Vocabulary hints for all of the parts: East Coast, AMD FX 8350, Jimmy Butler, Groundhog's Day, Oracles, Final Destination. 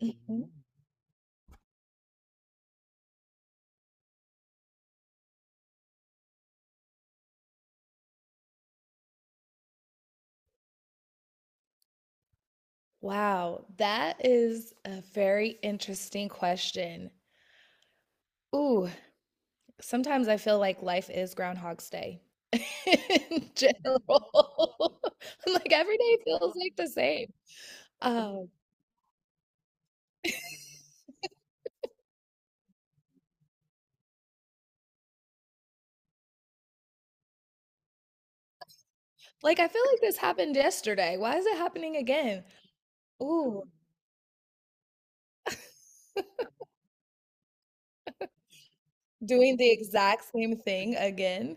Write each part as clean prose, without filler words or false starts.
Mhm. Wow, that is a very interesting question. Ooh, sometimes I feel like life is Groundhog's Day in general. Like every day feels like the same. Um, like I feel like this happened yesterday. Why is it happening again? Ooh, doing the exact same thing again.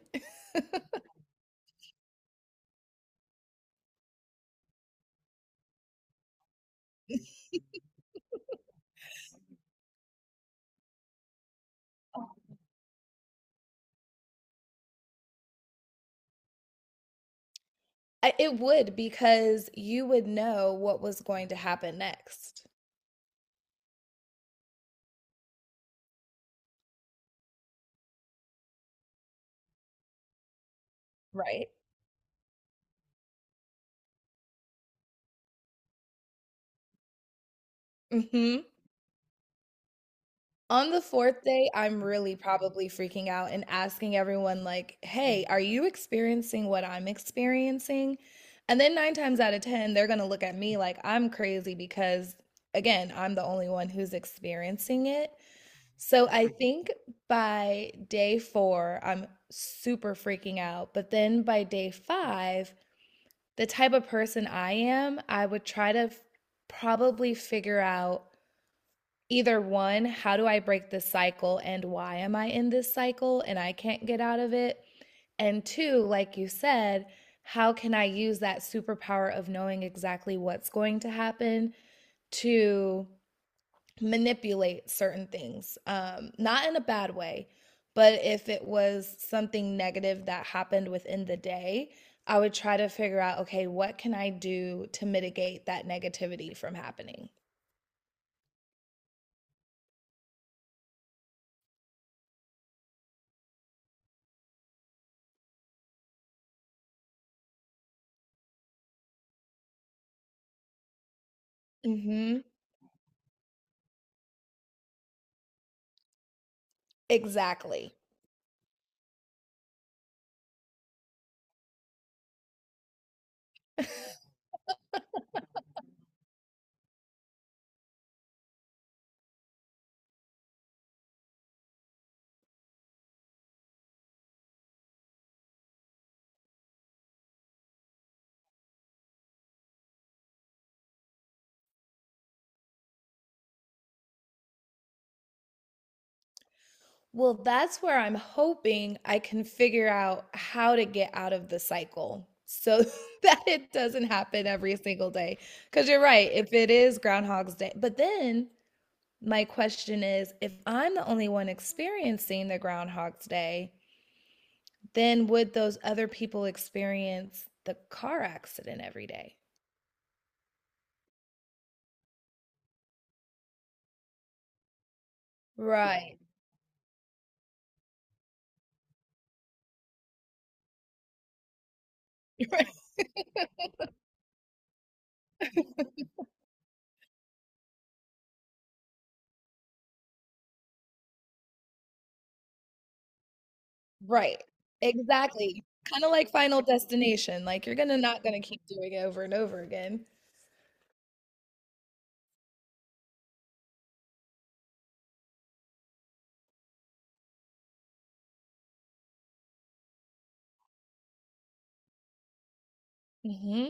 I it would, because you would know what was going to happen next, right? Mhm. On the 4th day, I'm really probably freaking out and asking everyone like, "Hey, are you experiencing what I'm experiencing?" And then 9 times out of 10, they're going to look at me like I'm crazy, because again, I'm the only one who's experiencing it. So I think by day 4, I'm super freaking out, but then by day 5, the type of person I am, I would try to probably figure out either one, how do I break this cycle, and why am I in this cycle and I can't get out of it? And two, like you said, how can I use that superpower of knowing exactly what's going to happen to manipulate certain things, not in a bad way, but if it was something negative that happened within the day, I would try to figure out, okay, what can I do to mitigate that negativity from happening? Hmm. Exactly. Well, that's where I'm hoping I can figure out how to get out of the cycle so that it doesn't happen every single day. Because you're right, if it is Groundhog's Day, but then my question is, if I'm the only one experiencing the Groundhog's Day, then would those other people experience the car accident every day? Right, right. Exactly. Kind of like Final Destination. Like you're gonna not gonna keep doing it over and over again. Hmm.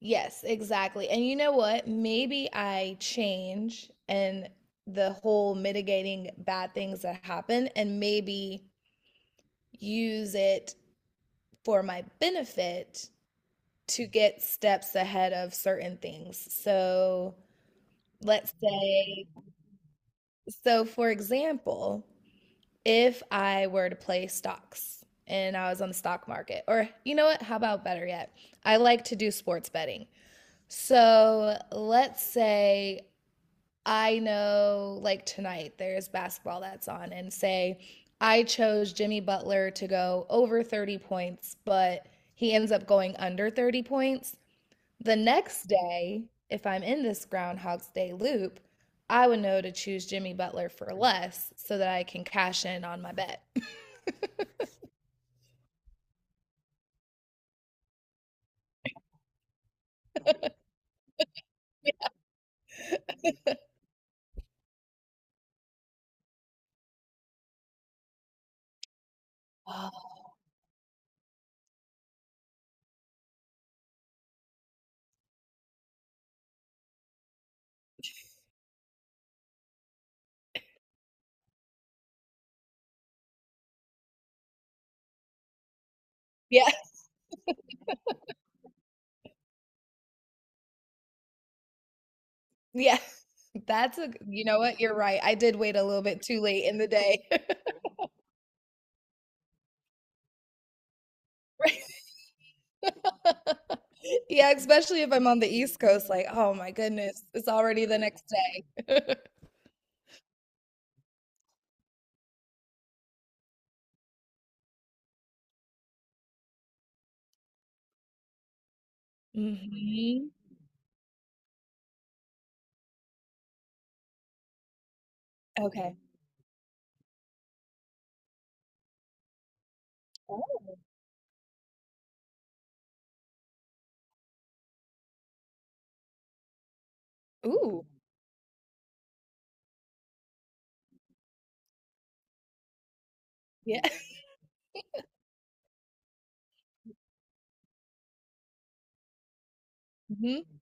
Yes, exactly. And you know what? Maybe I change and the whole mitigating bad things that happen, and maybe use it for my benefit to get steps ahead of certain things. So, let's say, so for example, if I were to play stocks and I was on the stock market, or you know what, how about better yet? I like to do sports betting. So let's say I know, like tonight, there's basketball that's on, and say I chose Jimmy Butler to go over 30 points, but he ends up going under 30 points. The next day, if I'm in this Groundhog's Day loop, I would know to choose Jimmy Butler for less so that I can cash in on my bet. Yeah, yeah. That's a, you know what? You're right. I did wait a little bit too late in the day. Right. Yeah, especially if I'm on the East Coast, like, oh my goodness, it's already the next day. Hmm. Okay. Oh. Ooh. Yeah. Hmm.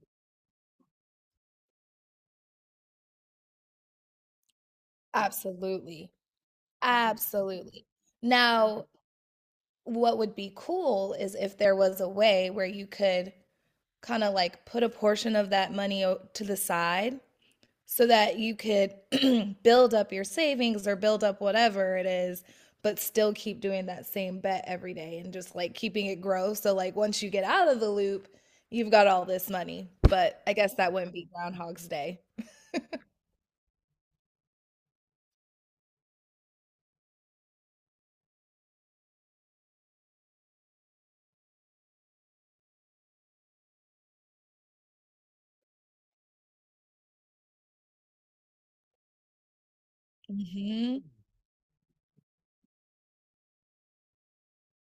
Absolutely. Absolutely. Now, what would be cool is if there was a way where you could kind of like put a portion of that money to the side so that you could build up your savings or build up whatever it is, but still keep doing that same bet every day and just like keeping it grow. So, like, once you get out of the loop, you've got all this money. But I guess that wouldn't be Groundhog's Day. Mhm,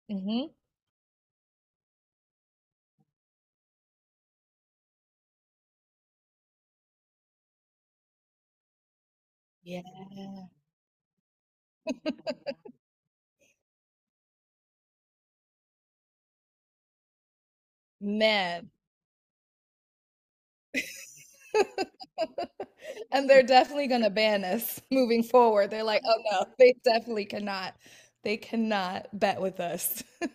mhm. Yeah. Man. And they're definitely going to ban us moving forward. They're like, "Oh no, they definitely cannot. They cannot bet with us."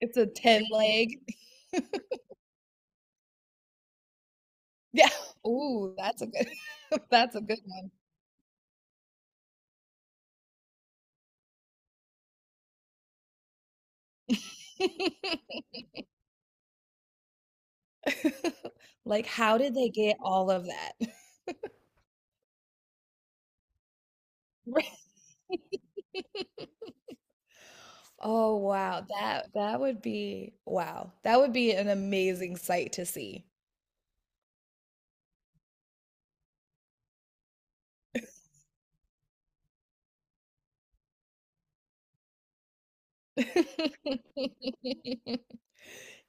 It's a 10 leg. Yeah. Ooh, that's a good that's a good one. Like, how did they get all of that? Oh, wow. That that would be wow. That would be an amazing sight to see.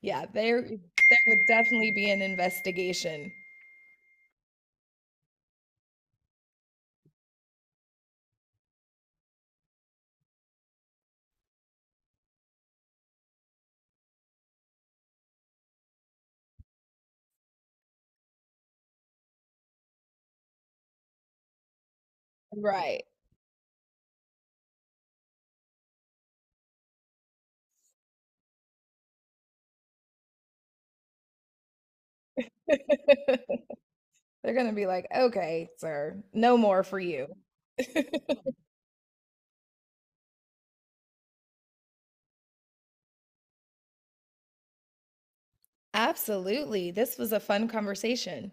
Yeah, there would definitely be an investigation. Right. They're gonna be like, okay, sir, no more for you. Absolutely. This was a fun conversation.